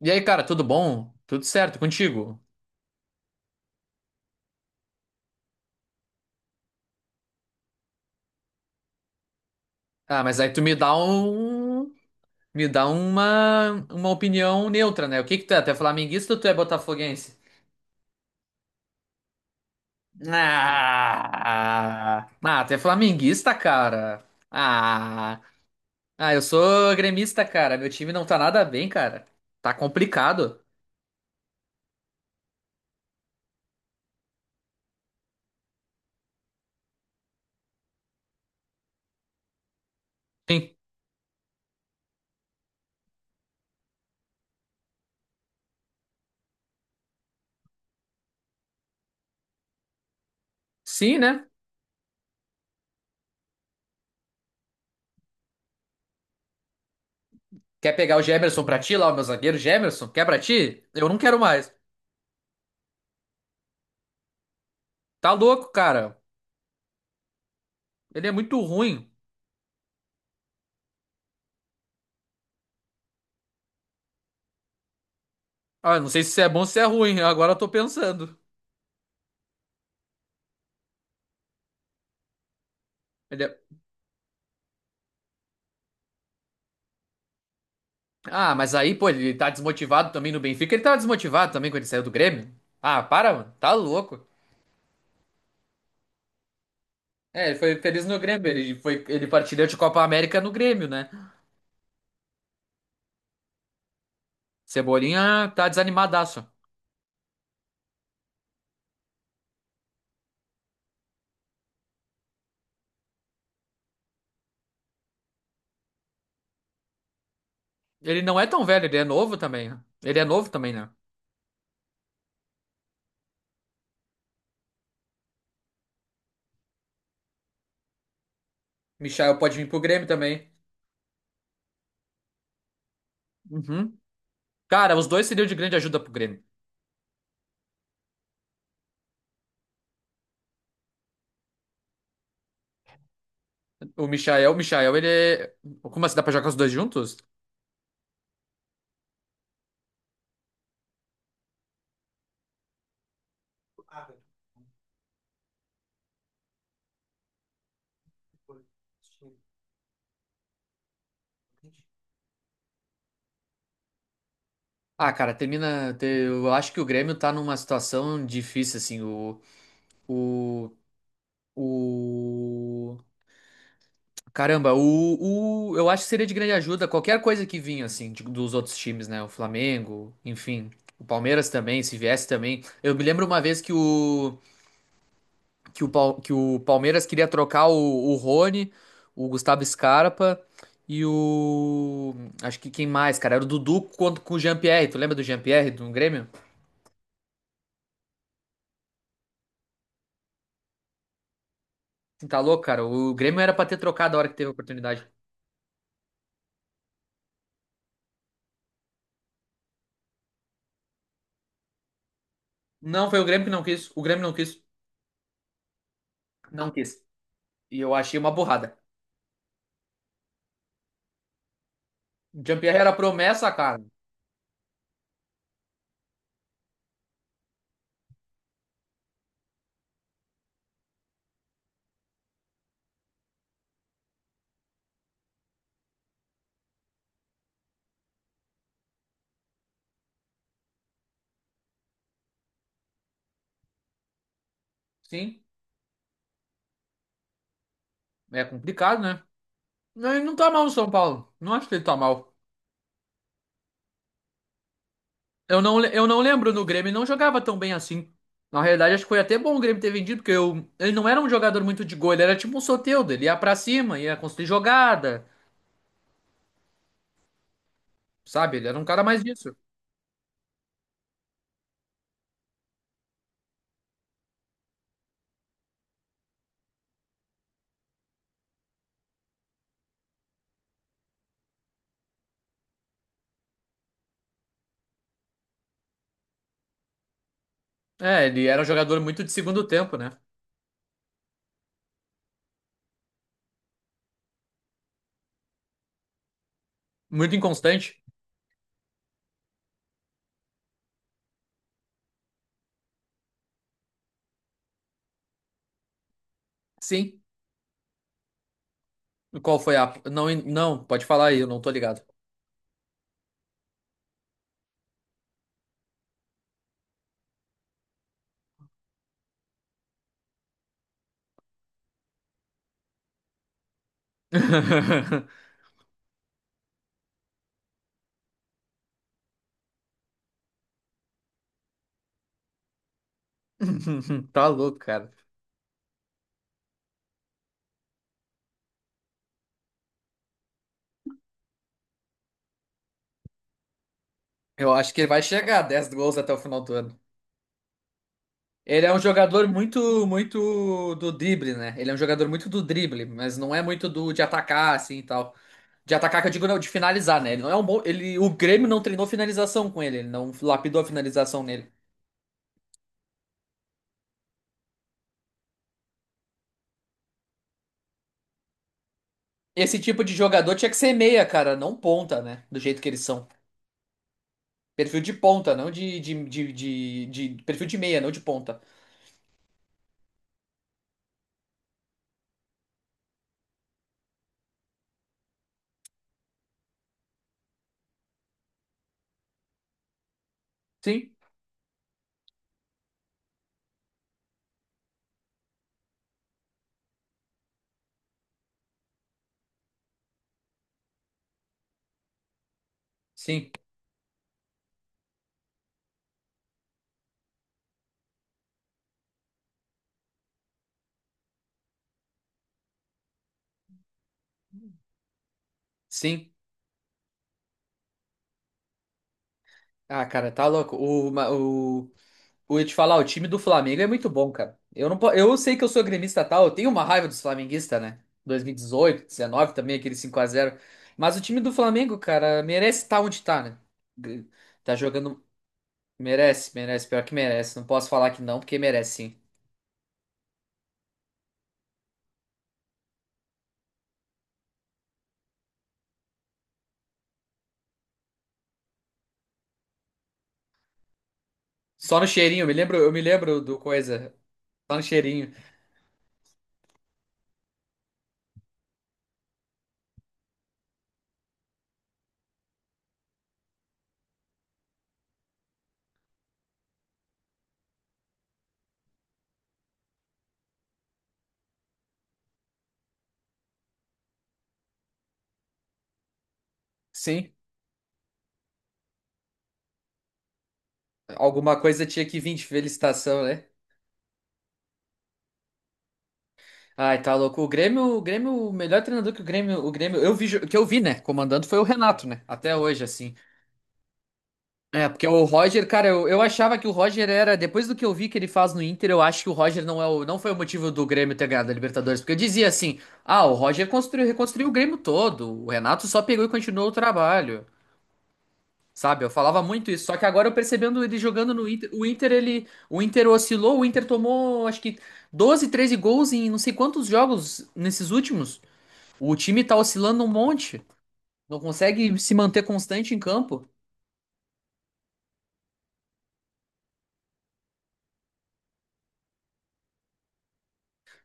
E aí, cara, tudo bom? Tudo certo contigo? Ah, mas aí tu me dá uma opinião neutra, né? O que que tu é? Tu é flamenguista ou tu é botafoguense? Ah, tu é flamenguista, cara. Ah, ah, eu sou gremista, cara. Meu time não tá nada bem, cara. Tá complicado. Sim, sim, né? Quer pegar o Gemerson pra ti lá, o meu zagueiro Gemerson? Quer pra ti? Eu não quero mais. Tá louco, cara. Ele é muito ruim. Ah, não sei se isso é bom ou se é ruim, agora eu tô pensando. Ele é- Ah, mas aí, pô, ele tá desmotivado também no Benfica. Ele tava desmotivado também quando ele saiu do Grêmio. Ah, para, mano, tá louco. É, ele foi feliz no Grêmio, ele partilhou de Copa América no Grêmio, né? Cebolinha tá desanimadaço. Ele não é tão velho, ele é novo também, né? Ele é novo também, né? Michael pode vir pro Grêmio também. Uhum. Cara, os dois seriam de grande ajuda pro Grêmio. O Michael, ele é. Como assim, dá pra jogar os dois juntos? Ah, cara, termina. Eu acho que o Grêmio tá numa situação difícil, assim. O. o... Caramba, o. Eu acho que seria de grande ajuda qualquer coisa que vinha, assim, dos outros times, né? O Flamengo, enfim. O Palmeiras também, se viesse também. Eu me lembro uma vez que o Palmeiras queria trocar o, Rony, o Gustavo Scarpa e o. Acho que quem mais, cara? Era o Dudu quanto com o Jean-Pierre. Tu lembra do Jean-Pierre do Grêmio? Você tá louco, cara? O Grêmio era pra ter trocado a hora que teve a oportunidade. Não, foi o Grêmio que não quis. O Grêmio não quis. Não quis. E eu achei uma burrada. O Jean-Pierre era promessa, cara. Sim, é complicado, né? Não, ele não tá mal no São Paulo. Não acho que ele tá mal. Eu não lembro no Grêmio, ele não jogava tão bem assim. Na realidade, acho que foi até bom o Grêmio ter vendido, porque ele não era um jogador muito de gol, ele era tipo um Soteldo, ele ia pra cima, ia construir jogada, sabe? Ele era um cara mais disso. É, ele era um jogador muito de segundo tempo, né? Muito inconstante. Sim. Qual foi a. Não, não, pode falar aí, eu não tô ligado. Tá louco, cara. Eu acho que ele vai chegar a 10 gols até o final do ano. Ele é um jogador muito, muito do drible, né? Ele é um jogador muito do drible, mas não é muito do de atacar, assim e tal. De atacar, que eu digo, não, de finalizar, né? Ele não é um bom. O Grêmio não treinou finalização com ele, ele não lapidou a finalização nele. Esse tipo de jogador tinha que ser meia, cara, não ponta, né? Do jeito que eles são. Perfil de ponta, não. Perfil de meia, não de ponta. Sim, sim, sim. Ah, cara, tá louco. O, ma- o, eu ia te falar, o time do Flamengo é muito bom, cara. Eu não, po- eu sei que eu sou gremista tal, eu tenho uma raiva dos flamenguistas, né? 2018, 19 também, aquele 5-0. Mas o time do Flamengo, cara, merece estar onde tá, né? G- Tá jogando. Merece, merece, pior que merece. Não posso falar que não, porque merece sim. Só no cheirinho, eu me lembro do coisa. Só no cheirinho. Sim, alguma coisa tinha que vir de felicitação, né? Ai, tá louco. O Grêmio, o melhor treinador que o Grêmio que eu vi, né, comandando foi o Renato, né, até hoje, assim. É, porque o Roger, cara, eu achava que o Roger era, depois do que eu vi que ele faz no Inter, eu acho que o Roger não foi o motivo do Grêmio ter ganhado a Libertadores, porque eu dizia assim, ah, o Roger construiu, reconstruiu o Grêmio todo, o Renato só pegou e continuou o trabalho, sabe? Eu falava muito isso, só que agora eu percebendo ele jogando no Inter, o Inter oscilou, o Inter tomou, acho que 12, 13 gols em não sei quantos jogos nesses últimos. O time tá oscilando um monte. Não consegue se manter constante em campo.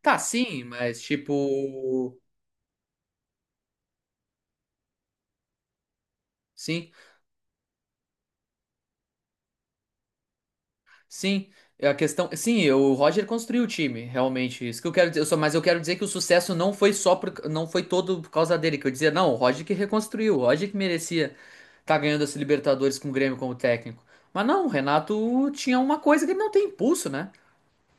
Tá, sim, mas tipo. Sim, sim. É a questão. Sim, o Roger construiu o time, realmente. Isso que eu quero dizer. Mas eu quero dizer que o sucesso não foi só por, não foi todo por causa dele. Que eu dizia, não, o Roger que reconstruiu, o Roger que merecia tá ganhando esse Libertadores com o Grêmio como técnico. Mas não, o Renato tinha uma coisa que ele não tem impulso, né?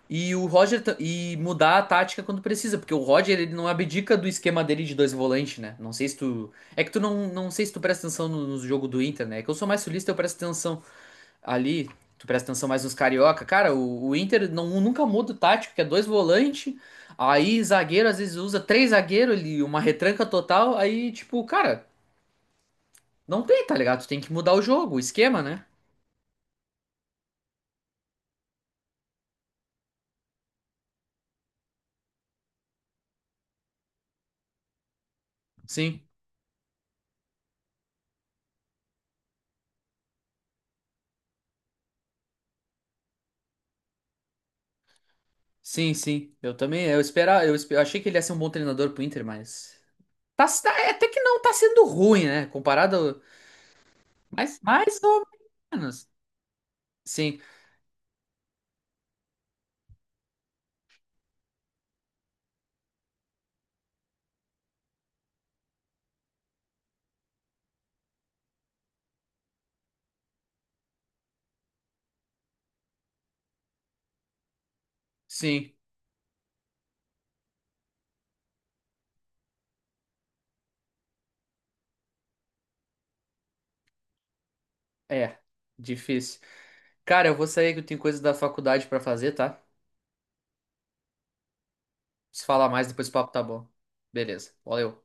E o Roger e mudar a tática quando precisa, porque o Roger ele não abdica do esquema dele de dois volantes, né? Não sei se tu presta atenção no jogo do Inter, né? É que eu sou mais sulista, eu presto atenção ali, tu presta atenção mais nos carioca. Cara, o Inter não nunca muda o tático, que é dois volantes, aí zagueiro às vezes usa três zagueiro ali, uma retranca total, aí tipo, cara, não tem, tá ligado? Tu tem que mudar o jogo, o esquema, né? Sim. Sim, sim. Eu também, eu esperava, eu achei que ele ia ser um bom treinador pro Inter, mas até que não tá sendo ruim, né? Comparado. Mas mais ou menos. Sim, sim. É. Difícil. Cara, eu vou sair que eu tenho coisas da faculdade pra fazer, tá? Se falar mais, depois o papo tá bom. Beleza. Valeu.